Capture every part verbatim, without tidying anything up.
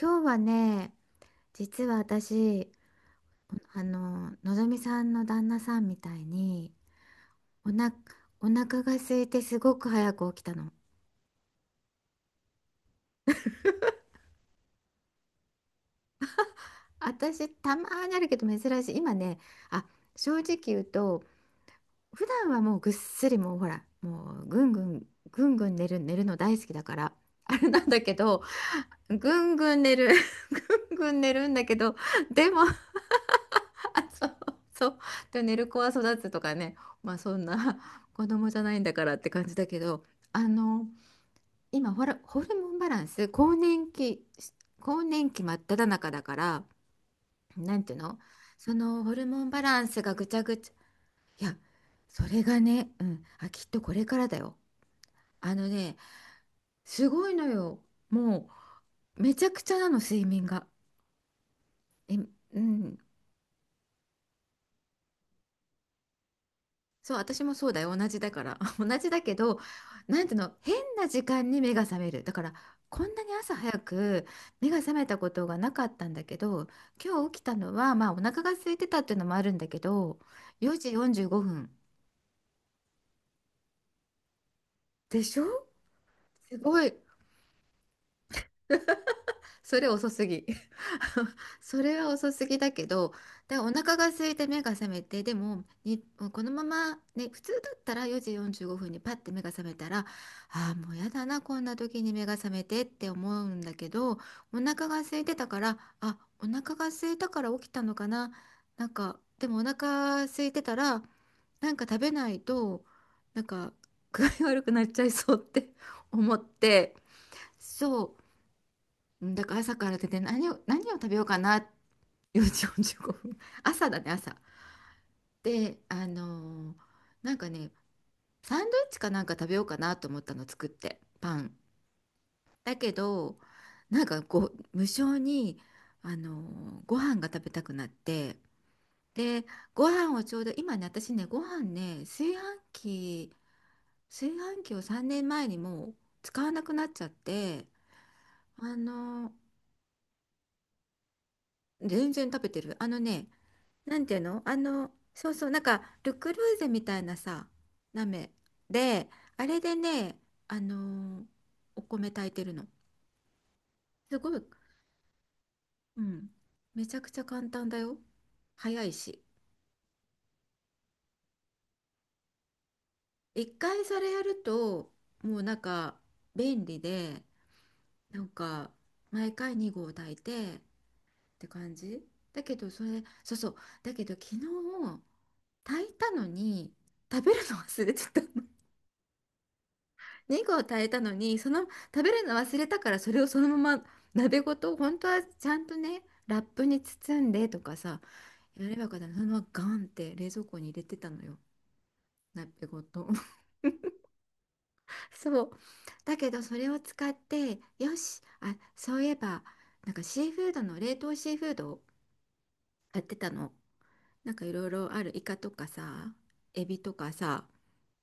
今日はね、実は私、あの、のぞみさんの旦那さんみたいに、おな、お腹が空いてすごく早く起きたの。私、たまーにあるけど珍しい。今ね、あ、正直言うと、普段はもうぐっすり、もうほら、もうぐんぐん、ぐんぐん寝る、寝るの大好きだから、あれなんだけど、ぐんぐん寝る、ぐんぐん寝るんだけど、でも、あ、そうそう。で、寝る子は育つとかね、まあそんな 子供じゃないんだからって感じだけど、あの、今ほら、ホルモンバランス、更年期、更年期真っ只中だから、なんていうの、そのホルモンバランスがぐちゃぐちゃ、いや、それがね、うん、あ、きっとこれからだよ。あのね、すごいのよ。もう、めちゃくちゃなの、睡眠が。え、うん。そう、私もそうだよ。同じだから。同じだけど、なんていうの、変な時間に目が覚める。だから、こんなに朝早く目が覚めたことがなかったんだけど、今日起きたのは、まあ、お腹が空いてたっていうのもあるんだけど、よじよんじゅうごふん。でしょ？すごい。それ遅すぎ。それは遅すぎだけど、で、お腹が空いて目が覚めて、でも、に、このままね、普通だったらよじよんじゅうごふんにパッて目が覚めたら、ああ、もうやだな、こんな時に目が覚めてって思うんだけど、お腹が空いてたから、あ、お腹が空いたから起きたのかな。なんか、でもお腹空いてたら、なんか食べないと、なんか具合悪くなっちゃいそうって思って、そう。うん、だから朝から出て何を、何を食べようかな。よじよんじゅうごふん、 朝だね、朝。で、あのーなんかね、サンドイッチかなんか食べようかなと思ったの、作って、パン。だけど、なんかこう無性に、あのーご飯が食べたくなって、でご飯をちょうど今ね、私ね、ご飯ね、炊飯器炊飯器をさんねんまえにもう使わなくなっちゃって、あのー全然食べてる。あのね、なんていうの、あの、そうそう、なんか、ル・クルーゼみたいなさ、鍋めで、あれでね、あのーお米炊いてるの。すごい、うん、めちゃくちゃ簡単だよ。早いし。一回それやると、もうなんか、便利で、なんか、毎回に合炊いてって感じ。だけど、それ、そうそう、だけど、昨日、炊いたのに、食べるの忘れてたの。にを炊いたのに、その食べるの忘れたから、それをそのまま鍋ごと、本当はちゃんとね、ラップに包んでとかさ、やればよかったのに、そのままガンって冷蔵庫に入れてたのよ、鍋ごと。 そう、だけどそれを使って、よし、あそういえば、なんかシーフードの冷凍シーフードを買ってたの。なんかいろいろある、イカとかさ、エビとかさ、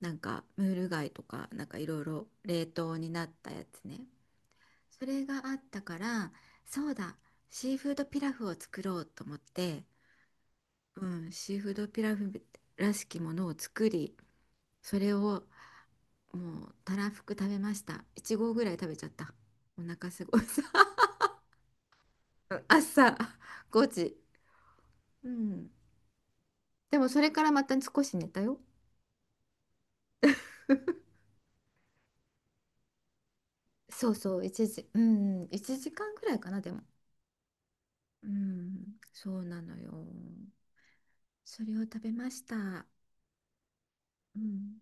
なんかムール貝とか、なんかいろいろ冷凍になったやつね、それがあったから、そうだ、シーフードピラフを作ろうと思って、うん、シーフードピラフらしきものを作り、それをもうたらふく食べました。いち合ぐらい食べちゃった。お腹すごいさ。朝ごじ。うん。でもそれからまた少し寝たよ。そうそう、いちじ、うん、いちじかんぐらいかな、でも。うん、そうなのよ。それを食べました。うん。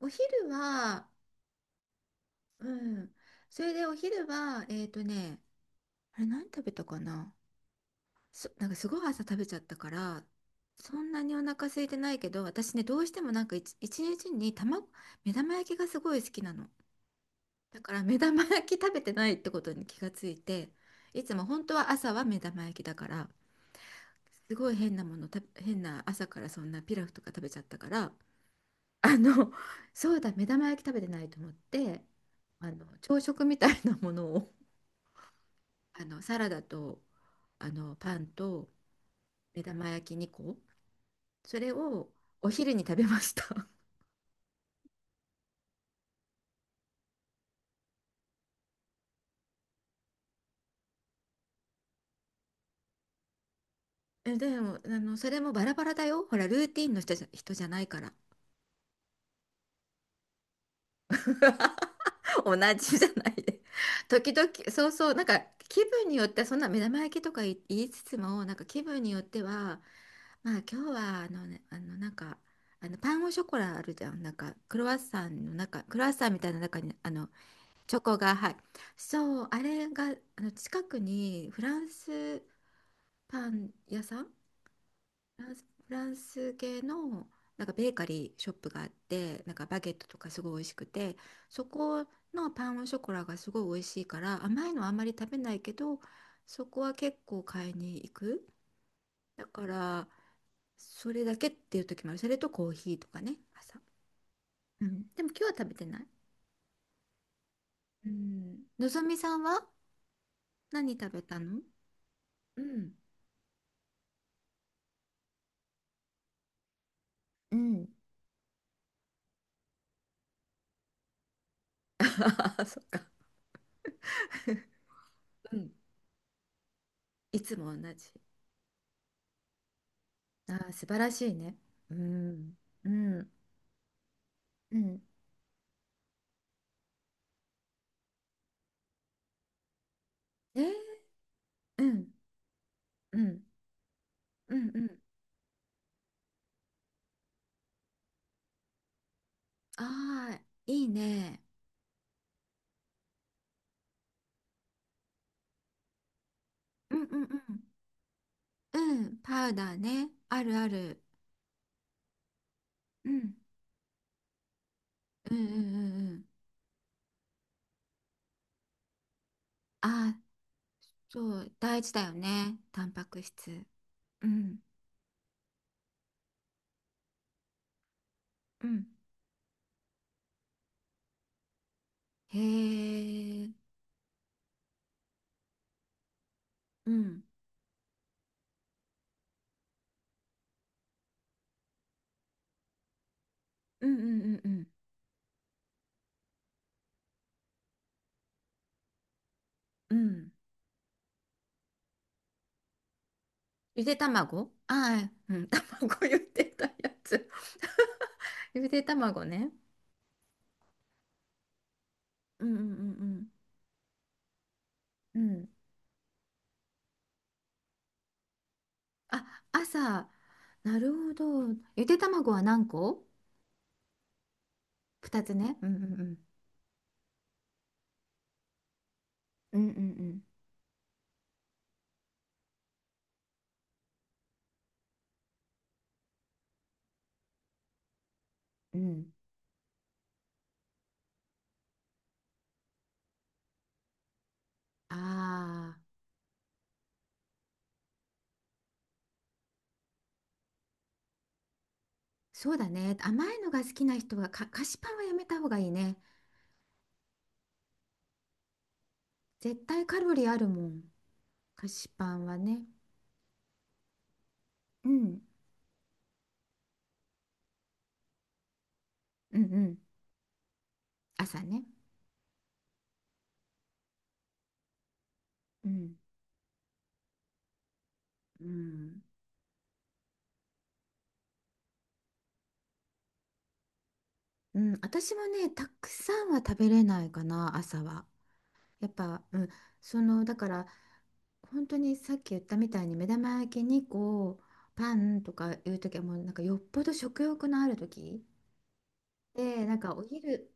お昼は、うん。それでお昼は、えっとね、あれ何食べたかな。そ、なんかすごい朝食べちゃったから、そんなにお腹空いてないけど、私ね、どうしてもなんか一一日に卵、目玉焼きがすごい好きなの。だから目玉焼き食べてないってことに気がついて、いつも本当は朝は目玉焼きだから、すごい変なものた、変な、朝からそんなピラフとか食べちゃったから、あの、そうだ、目玉焼き食べてないと思って、あの、朝食みたいなものを、あのサラダと、あのパンと、目玉焼きにこ、それをお昼に食べました。 えでも、あのそれもバラバラだよ、ほらルーティンの人じゃ、人じゃないから。 同じじゃないで、時々、そうそう、なんか気分によってはそんな目玉焼きとか言いつつも、なんか気分によっては、まあ今日は、あの、ね、あのなんか、あのパンオショコラあるじゃん、なんかクロワッサンの中クロワッサンみたいな中に、あのチョコが、はい。そう、あれが、あの、近くにフランスパン屋さん、フランス、フランス系の、なんかベーカリーショップがあって、なんかバゲットとかすごい美味しくて、そこのパンオショコラがすごい美味しいから、甘いのはあんまり食べないけど、そこは結構買いに行く。だから、それだけっていう時もある。それとコーヒーとかね、朝。うん。でも今日は食べてない。うん。のぞみさんは何食べたの？うん。うん。 ああ、そっか。うん。いつも同じ。ああ、素晴らしいね。うん。うん。うん。えー、うん。うん。うん。うん。ああ、いいね。うんうんうん。うん。パウダーね。あるある。うん。うんうんうんうん。ああ、そう。大事だよね、タンパク質。うん。うん。へえ。うん。うんうんうんうん。うん。ゆで卵、ああ、うん。卵 ゆでたやつ。ゆで卵ね。うんうんうんうん。あ、朝。なるほど。ゆで卵は何個？ ふた つね。うんうんうん。うんうんうんうん、ああ、そうだね。甘いのが好きな人はか、菓子パンはやめた方がいいね。絶対カロリーあるもん。菓子パンはね。うん。うんうん。朝ね。うんうんうん。うん。私もね、たくさんは食べれないかな、朝は。やっぱ、うん、そのだから本当にさっき言ったみたいに、目玉焼きにこう、パンとかいう時はもうなんかよっぽど食欲のある時で、なんかお昼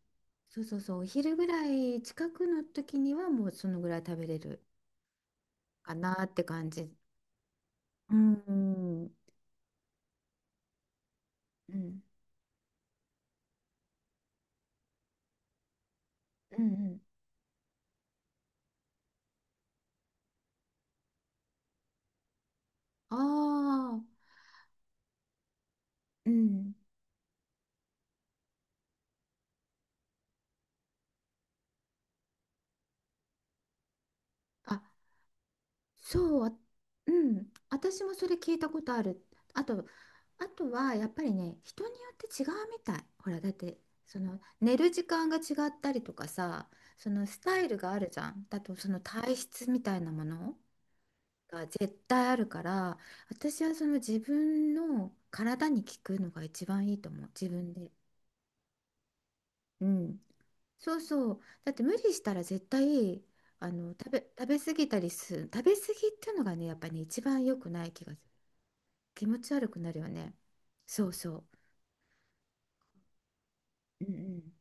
そうそうそう、お昼ぐらい近くの時にはもうそのぐらい食べれるかなって感じ。うんうんうんうんうん。ああ、うん。あ、そう、あうん、私もそれ聞いたことある。あと、あとはやっぱりね、人によって違うみたい。ほら、だって、その寝る時間が違ったりとかさ、そのスタイルがあるじゃん。だとその体質みたいなものが絶対あるから、私はその自分の体に効くのが一番いいと思う。自分で。うん。そうそう。だって無理したら絶対、あの食べ、食べ過ぎたりする、食べ過ぎっていうのがね、やっぱり、ね、一番良くない気がする。気持ち悪くなるよね。そうそう。うんうん。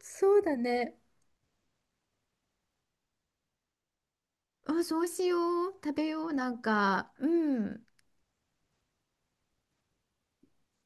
そうだね。あ、そうしよう。食べよう。なんか、うん。